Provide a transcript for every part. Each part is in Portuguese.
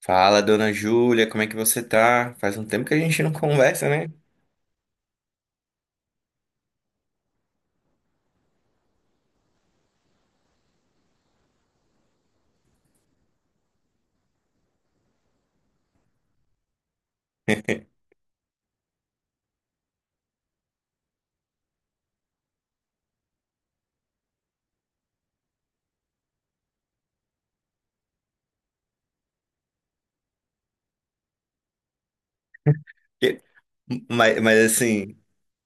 Fala, dona Júlia, como é que você tá? Faz um tempo que a gente não conversa, né? Que- Mas, mas assim,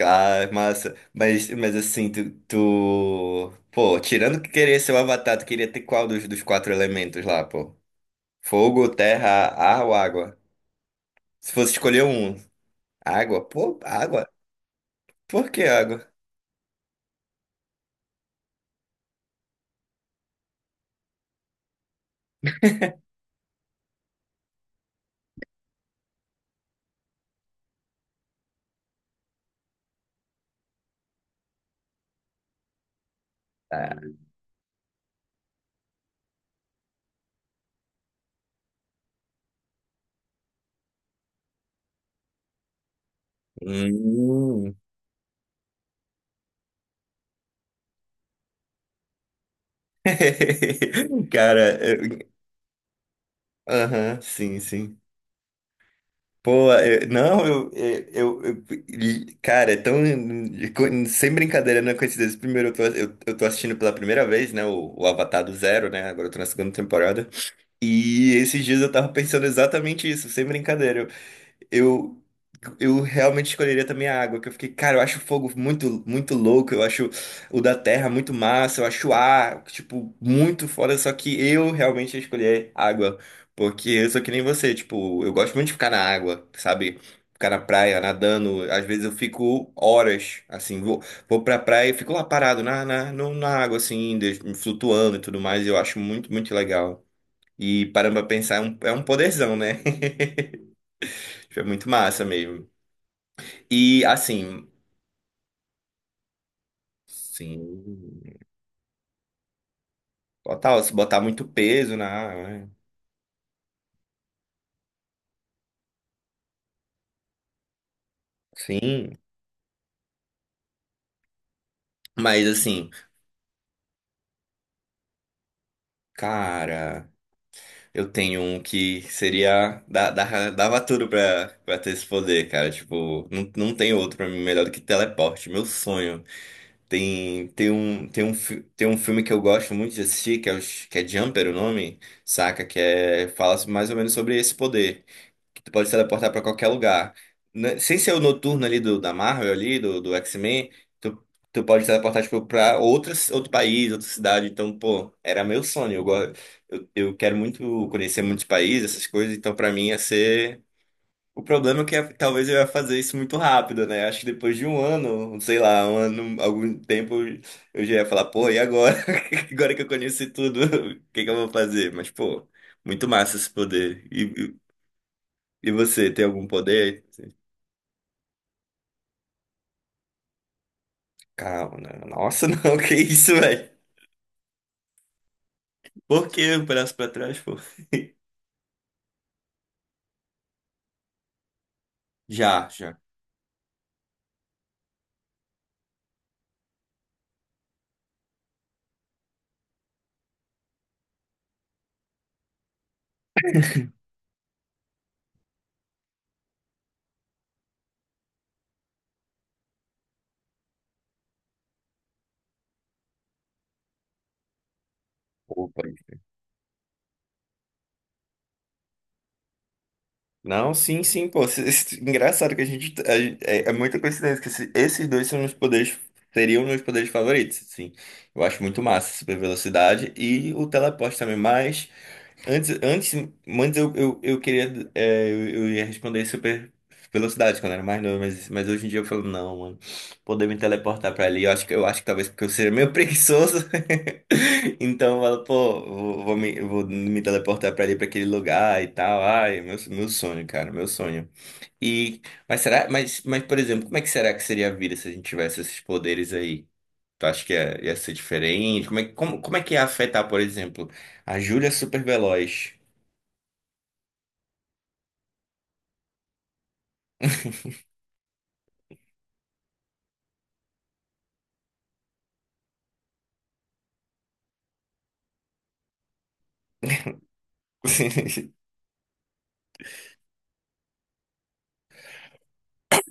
ah, massa. Mas assim, tu. Pô, tirando que queria ser o Avatar, tu queria ter qual dos quatro elementos lá, pô? Fogo, terra, ar ou água? Se fosse escolher um, água? Pô, água? Por que água? Ah. Hum. Cara. Aham, sim, sim. Pô, eu- não, eu- e, cara, é tão, sem brincadeira, não é coincidência. Primeiro, eu tô assistindo pela primeira vez, né, o Avatar do Zero, né, agora eu tô na segunda temporada. E esses dias eu tava pensando exatamente isso, sem brincadeira. Eu, eu realmente escolheria também a água, que eu fiquei, cara, eu acho o fogo muito, muito louco, eu acho o da terra muito massa, eu acho o ar, tipo, muito foda, só que eu realmente ia escolher água, porque eu sou que nem você, tipo, eu gosto muito de ficar na água, sabe? Ficar na praia, nadando, às vezes eu fico horas, assim, vou, vou pra praia e fico lá parado na, na, no- na água, assim, flutuando e tudo mais, eu acho muito, muito legal. E parando pra pensar, é um poderzão, né? Tipo, é muito massa mesmo. E assim, sim, total, se botar muito peso na, né, sim, mas assim, cara, eu tenho um que seria dá dá dava tudo pra, pra ter esse poder, cara, tipo, não, não tem outro pra mim melhor do que teleporte, meu sonho. Tem um filme que eu gosto muito de assistir, que é Jumper o nome, saca, que é fala mais ou menos sobre esse poder. Que tu pode se teleportar pra qualquer lugar. Né, sem ser o noturno ali do, da Marvel ali, do X-Men, tu, tu pode se teleportar, tipo, pra outro país, outra cidade. Então, pô, era meu sonho. Eu quero muito conhecer muitos países, essas coisas. Então, pra mim, ia ser... O problema é que talvez eu ia fazer isso muito rápido, né? Acho que depois de um ano, sei lá, um ano, algum tempo, eu já ia falar, pô, e agora? Agora que eu conheci tudo, o que que eu vou fazer? Mas, pô, muito massa esse poder. E você, tem algum poder? Calma, não. Nossa, não, que isso, velho? Por que o braço pra trás, pô? Já, já. Opa. Não, sim, sim, pô. Engraçado que a gente. É, é muita coincidência que esses dois são meus poderes. Seriam meus poderes favoritos, sim. Eu acho muito massa, super velocidade e o teleporte também, mas. Antes, antes, antes eu, eu queria. É, eu ia responder super velocidade quando era mais novo, mas hoje em dia eu falo, não, mano. Poder me teleportar pra ali. Eu acho que talvez porque eu seja meio preguiçoso. Então eu falo, pô, vou me teleportar pra ali, pra aquele lugar e tal. Ai, meu sonho, cara, meu sonho. E, mas será, mas, por exemplo, como é que será que seria a vida se a gente tivesse esses poderes aí? Tu acha que ia, ia ser diferente? Como é, como, como é que ia afetar, por exemplo, a Júlia é super veloz?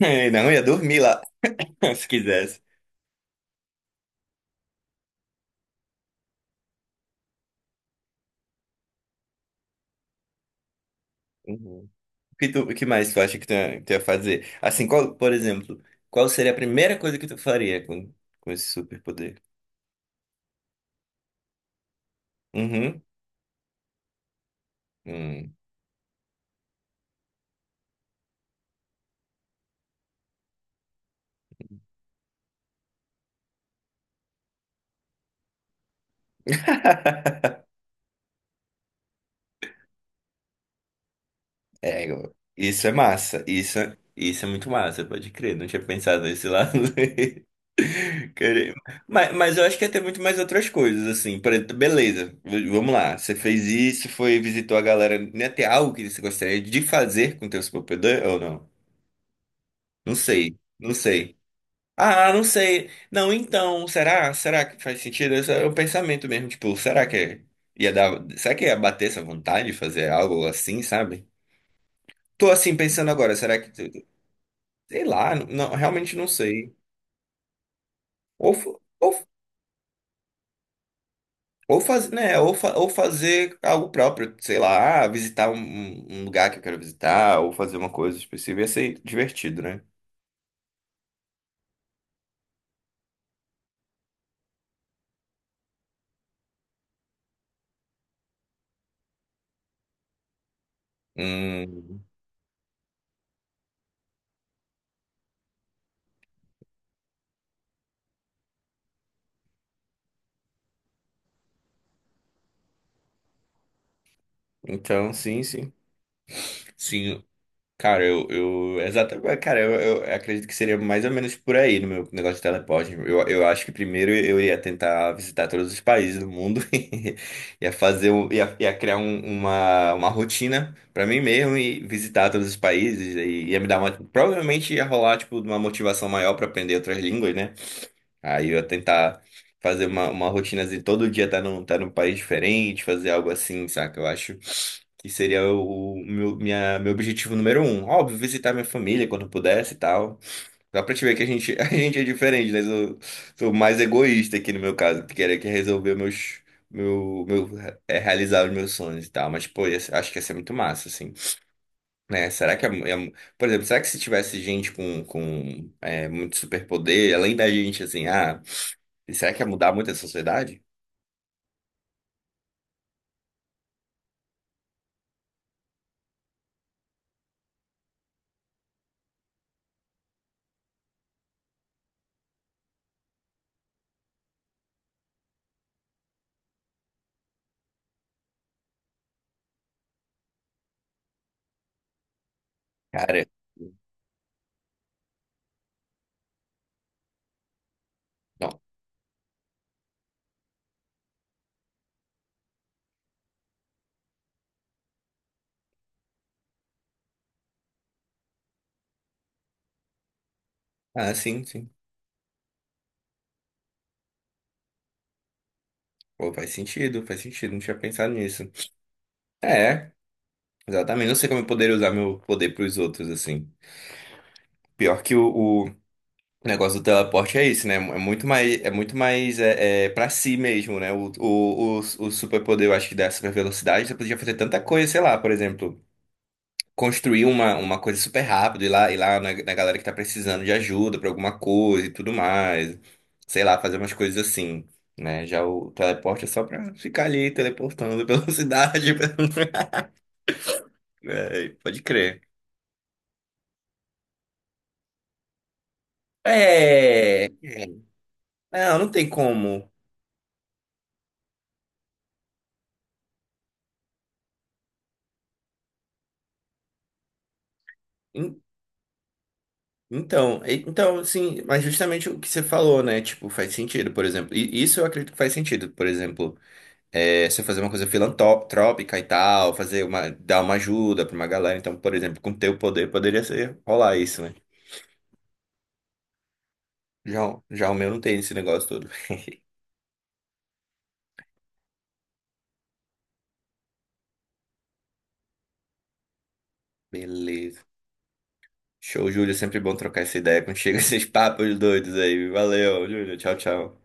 É, não, ia dormir lá, se quisesse. Uhum. O que, tu, o que mais tu acha que tu ia fazer? Assim, qual, por exemplo, qual seria a primeira coisa que tu faria com esse superpoder? Uhum. Hum. Isso é massa. Isso, é, isso é muito massa, pode crer. Não tinha pensado nesse lado. Querer- mas eu acho que ia ter muito mais outras coisas, assim. Por exemplo, beleza, vamos lá. Você fez isso, foi, visitou a galera. Ia ter algo que você gostaria de fazer com o teu superpoder ou não? Não sei, não sei. Ah, não sei. Não, então, será? Será que faz sentido? Esse é o pensamento mesmo, tipo, ia dar. Será que ia bater essa vontade de fazer algo assim, sabe? Tô assim pensando agora, será que. Sei lá, não, realmente não sei. Ou, fa- ou, ou, faz, né, ou, fa- ou fazer algo próprio, sei lá, ah, visitar um, um lugar que eu quero visitar, ou fazer uma coisa específica, ia ser divertido, né? Hum, então, sim, sim. Sim, cara, eu exatamente, cara, eu acredito que seria mais ou menos por aí no meu negócio de teleporte. Eu acho que primeiro eu ia tentar visitar todos os países do mundo, e ia fazer, ia criar uma rotina pra mim mesmo e visitar todos os países e ia me dar uma, provavelmente ia rolar tipo uma motivação maior pra aprender outras línguas, né? Aí eu ia tentar fazer uma rotina assim, todo dia tá num país diferente, fazer algo assim, saca? Eu acho que seria meu objetivo número um. Óbvio, visitar minha família quando pudesse e tal. Dá pra te ver que a gente, a gente é diferente, né? Eu sou mais egoísta aqui no meu caso, que queria que resolver meus. Meu, meu, realizar os meus sonhos e tal, mas pô, acho que ia ser muito massa, assim, né? Será que é, é- Por exemplo, será que se tivesse gente com, muito superpoder, além da gente, assim, ah. E será que ia mudar muito a sociedade? Cara, não. Ah, sim, sim. Pô, faz sentido, faz sentido. Não tinha pensado nisso. É, exatamente. Não sei como eu poderia usar meu poder pros outros, assim. Pior que o negócio do teleporte é isso, né? É muito mais pra si mesmo, né? O superpoder, eu acho que da super velocidade, você podia fazer tanta coisa, sei lá, por exemplo. Construir uma coisa super rápido, ir lá na, na galera que tá precisando de ajuda pra alguma coisa e tudo mais. Sei lá, fazer umas coisas assim, né? Já o teleporte é só pra ficar ali teleportando pela cidade. É, pode crer. É. Não, não tem como. En- Então, então, sim, mas justamente o que você falou, né? Tipo, faz sentido, por exemplo. E isso eu acredito que faz sentido, por exemplo. É, você fazer uma coisa filantrópica e tal, fazer uma, dar uma ajuda pra uma galera. Então, por exemplo, com teu poder poderia ser rolar isso, né? Já o meu não tem esse negócio todo. Beleza. Show, Júlio. É sempre bom trocar essa ideia contigo, esses papos doidos aí. Valeu, Júlio. Tchau, tchau.